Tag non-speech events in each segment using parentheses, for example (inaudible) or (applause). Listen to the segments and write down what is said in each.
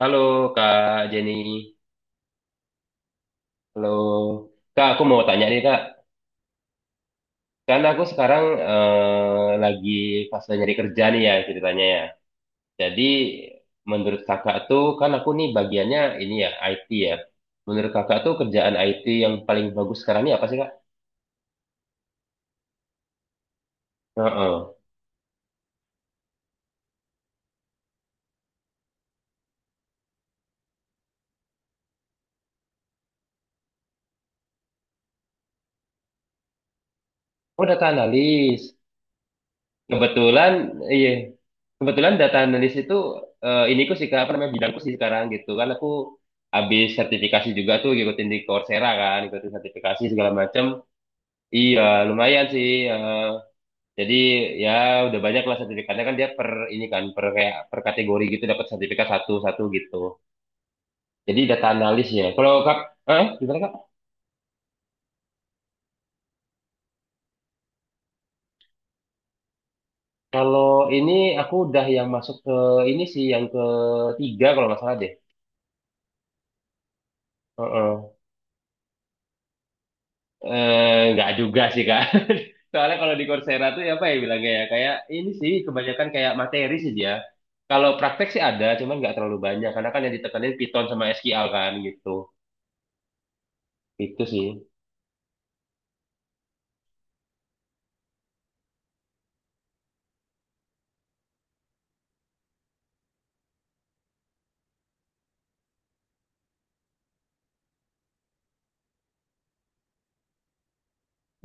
Halo Kak Jenny, halo Kak. Aku mau tanya nih Kak, karena aku sekarang lagi pas nyari kerja nih ya ceritanya ya. Jadi menurut Kakak tuh kan aku nih bagiannya ini ya IT ya. Menurut Kakak tuh kerjaan IT yang paling bagus sekarang ini apa sih Kak? Heeh. Oh data analis. Kebetulan, iya. Kebetulan data analis itu iniku sih Kak, apa namanya bidangku sih sekarang gitu kan aku habis sertifikasi juga tuh ngikutin di Coursera kan, ngikutin sertifikasi segala macam. Iya, lumayan sih. Jadi ya udah banyak lah sertifikatnya kan dia per ini kan per kayak per kategori gitu dapat sertifikat satu-satu gitu. Jadi data analis ya. Kalau Kak, eh gimana Kak? Kalau ini aku udah yang masuk ke ini sih yang ketiga kalau nggak salah deh. Heeh. Eh, nggak juga sih kak. (laughs) Soalnya kalau di Coursera tuh ya apa ya bilangnya ya kayak ini sih kebanyakan kayak materi sih dia. Kalau praktek sih ada, cuman nggak terlalu banyak karena kan yang ditekanin Python sama SQL kan gitu. Itu sih.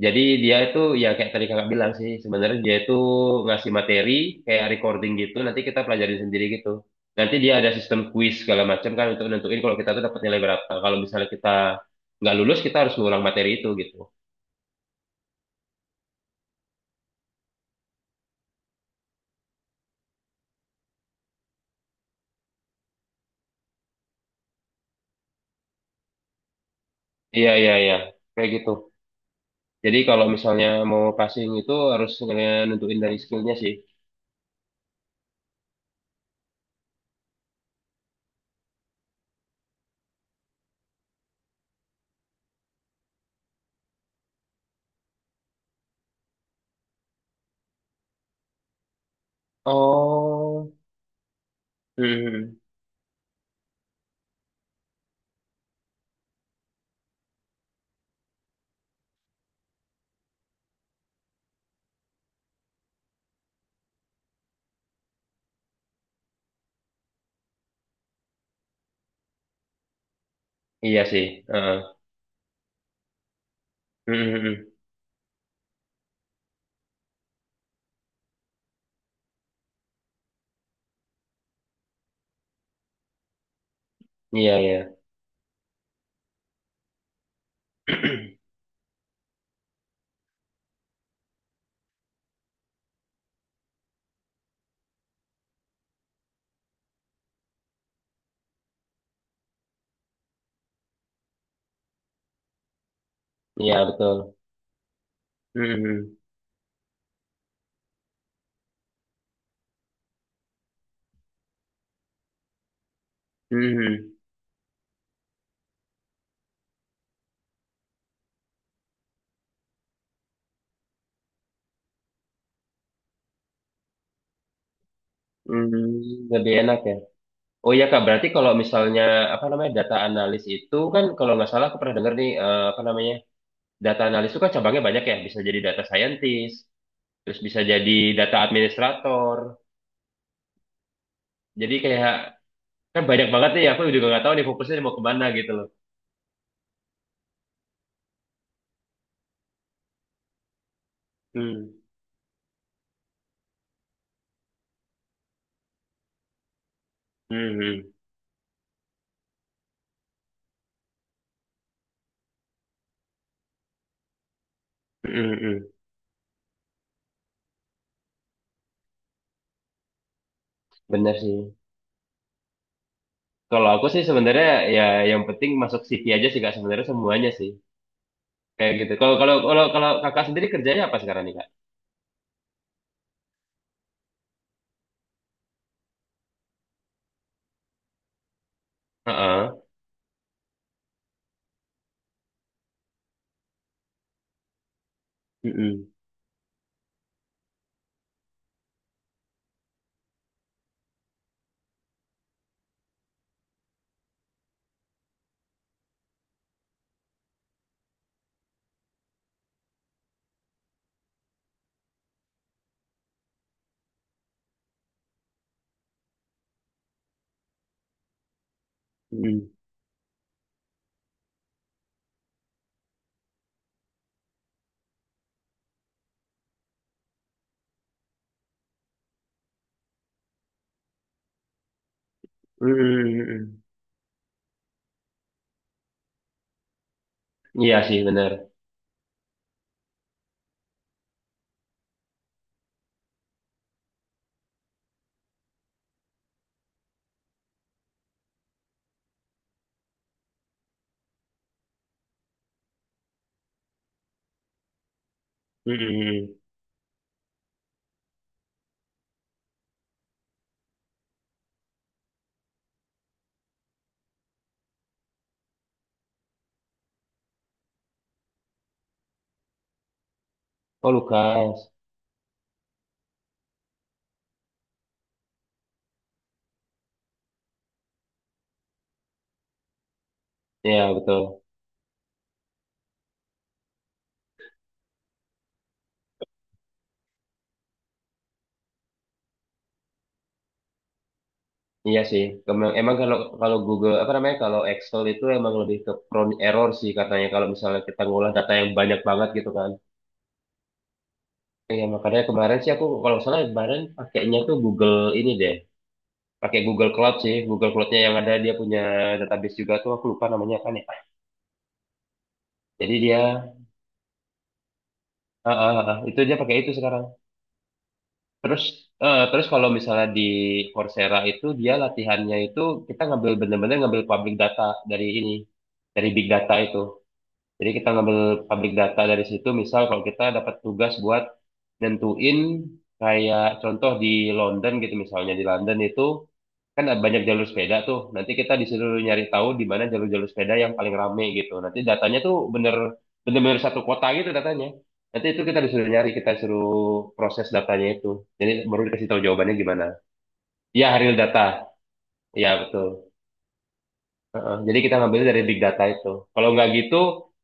Jadi dia itu ya kayak tadi kakak bilang sih sebenarnya dia itu ngasih materi kayak recording gitu. Nanti kita pelajarin sendiri gitu. Nanti dia ada sistem quiz segala macam kan untuk nentuin kalau kita tuh dapat nilai berapa. Kalau misalnya kita nggak lulus kita harus ngulang materi itu gitu. Iya iya iya kayak gitu. Jadi kalau misalnya mau passing itu harus nge- nentuin dari skillnya sih. Oh, hmm, iya sih. Heeh. Hmm. Iya iya, (clears throat) iya betul. Hmm, hmm, hmm. Hmm, Hmm, lebih enak ya. Oh iya Kak, berarti kalau misalnya apa namanya data analis itu kan kalau nggak salah aku pernah dengar nih apa namanya data analis itu kan cabangnya banyak ya. Bisa jadi data scientist, terus bisa jadi data administrator. Jadi kayak kan banyak banget nih. Aku juga nggak tahu nih fokusnya mau kemana gitu loh. Hmm, hmm, hmm. Bener sih. Kalau aku sih sebenarnya ya yang penting masuk CV aja sih kak sebenarnya semuanya sih kayak gitu. Kalau kalau kalau kalau kakak sendiri kerjanya apa sekarang nih kak? Heeh. Hmm, hmm, hmm. Iya sih bener. Hmm. Oh Lukas. Iya betul. Iya sih. Emang, kalau kalau Google apa namanya kalau Excel itu emang lebih ke prone error sih katanya kalau misalnya kita ngolah data yang banyak banget gitu kan. Iya, makanya kemarin sih aku kalau nggak salah kemarin pakainya tuh Google ini deh. Pakai Google Cloud sih. Google Cloud-nya yang ada dia punya database juga tuh aku lupa namanya kan ya. Jadi dia itu dia pakai itu sekarang. Terus terus kalau misalnya di Coursera itu dia latihannya itu kita ngambil ngambil public data dari ini, dari big data itu. Jadi kita ngambil pabrik data dari situ, misal kalau kita dapat tugas buat nentuin kayak contoh di London gitu misalnya di London itu kan ada banyak jalur sepeda tuh. Nanti kita disuruh nyari tahu di mana jalur-jalur sepeda yang paling rame gitu. Nanti datanya tuh bener-bener satu kota gitu datanya. Nanti itu kita disuruh nyari, kita suruh proses datanya itu. Jadi baru dikasih tahu jawabannya gimana. Ya, real data. Iya, betul. Heeh, jadi kita ngambil dari big data itu. Kalau nggak gitu,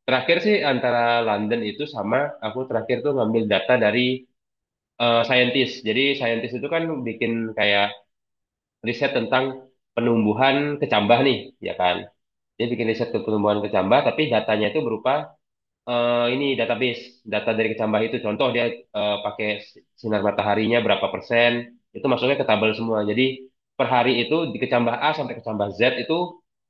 terakhir sih antara London itu sama aku terakhir tuh ngambil data dari scientist. Jadi scientist itu kan bikin kayak riset tentang penumbuhan kecambah nih, ya kan? Dia bikin riset ke penumbuhan kecambah, tapi datanya itu berupa ini database data dari kecambah itu contoh dia pakai sinar mataharinya berapa persen itu masuknya ke tabel semua jadi per hari itu di kecambah A sampai kecambah Z itu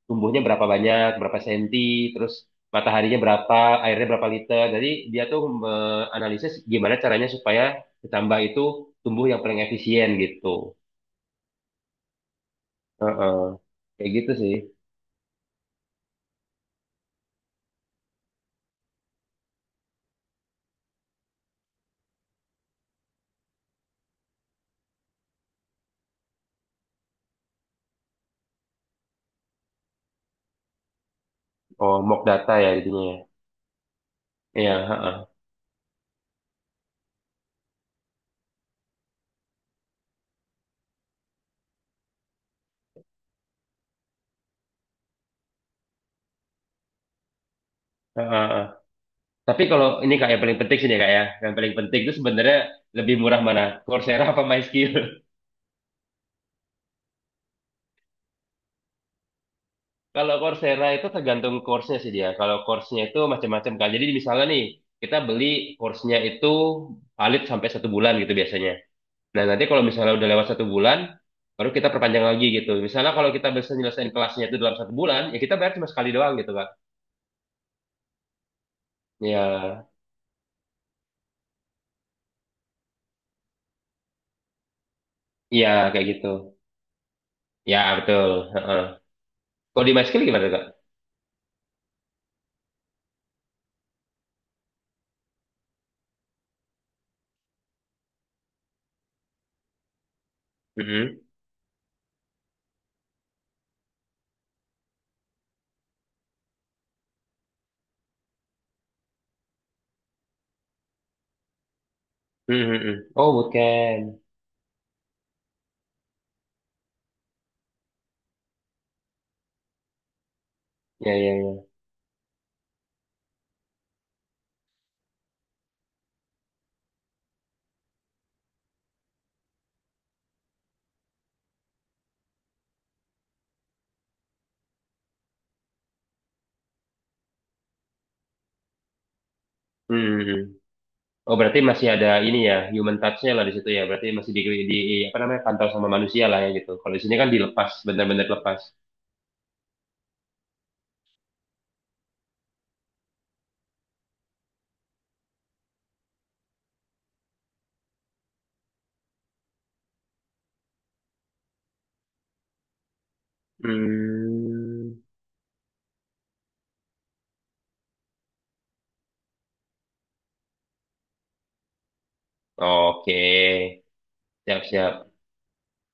tumbuhnya berapa banyak berapa senti terus mataharinya berapa airnya berapa liter jadi dia tuh menganalisis gimana caranya supaya kecambah itu tumbuh yang paling efisien gitu. Heeh. Kayak gitu sih. Oh mock data ya jadinya ya. Iya, heeh. Heeh, heeh. Tapi kalau ini kak yang paling penting sih ya kak ya, yang paling penting itu sebenarnya lebih murah mana, Coursera apa MySkill? (laughs) Kalau Coursera itu tergantung course-nya sih dia. Kalau course-nya itu macam-macam kak. Jadi misalnya nih kita beli course-nya itu valid sampai satu bulan gitu biasanya. Nah nanti kalau misalnya udah lewat satu bulan, baru kita perpanjang lagi gitu. Misalnya kalau kita bisa nyelesain kelasnya itu dalam satu bulan, ya kita bayar cuma sekali doang gitu kak. Ya, iya kayak gitu. Ya betul. Heeh. Kalau di MySkill gimana kak? Mhm. Mhm. Oh, bukan. Ya. Hmm. Oh, berarti masih ada ini ya, human touch-nya lah di situ ya. Berarti masih di apa namanya, kantor sama manusia lah ya gitu. Kalau di sini kan dilepas, benar-benar lepas. Hmm. Oke. Siap.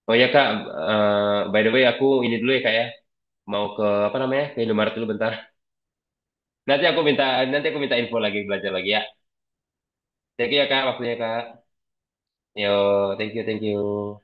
Oh ya, Kak, by the way aku ini dulu ya, Kak ya. Mau ke apa namanya? Ke Indomaret dulu bentar. Nanti aku minta nanti aku minta info lagi belajar lagi ya. Thank you ya, Kak, waktunya, Kak. Yo, thank you.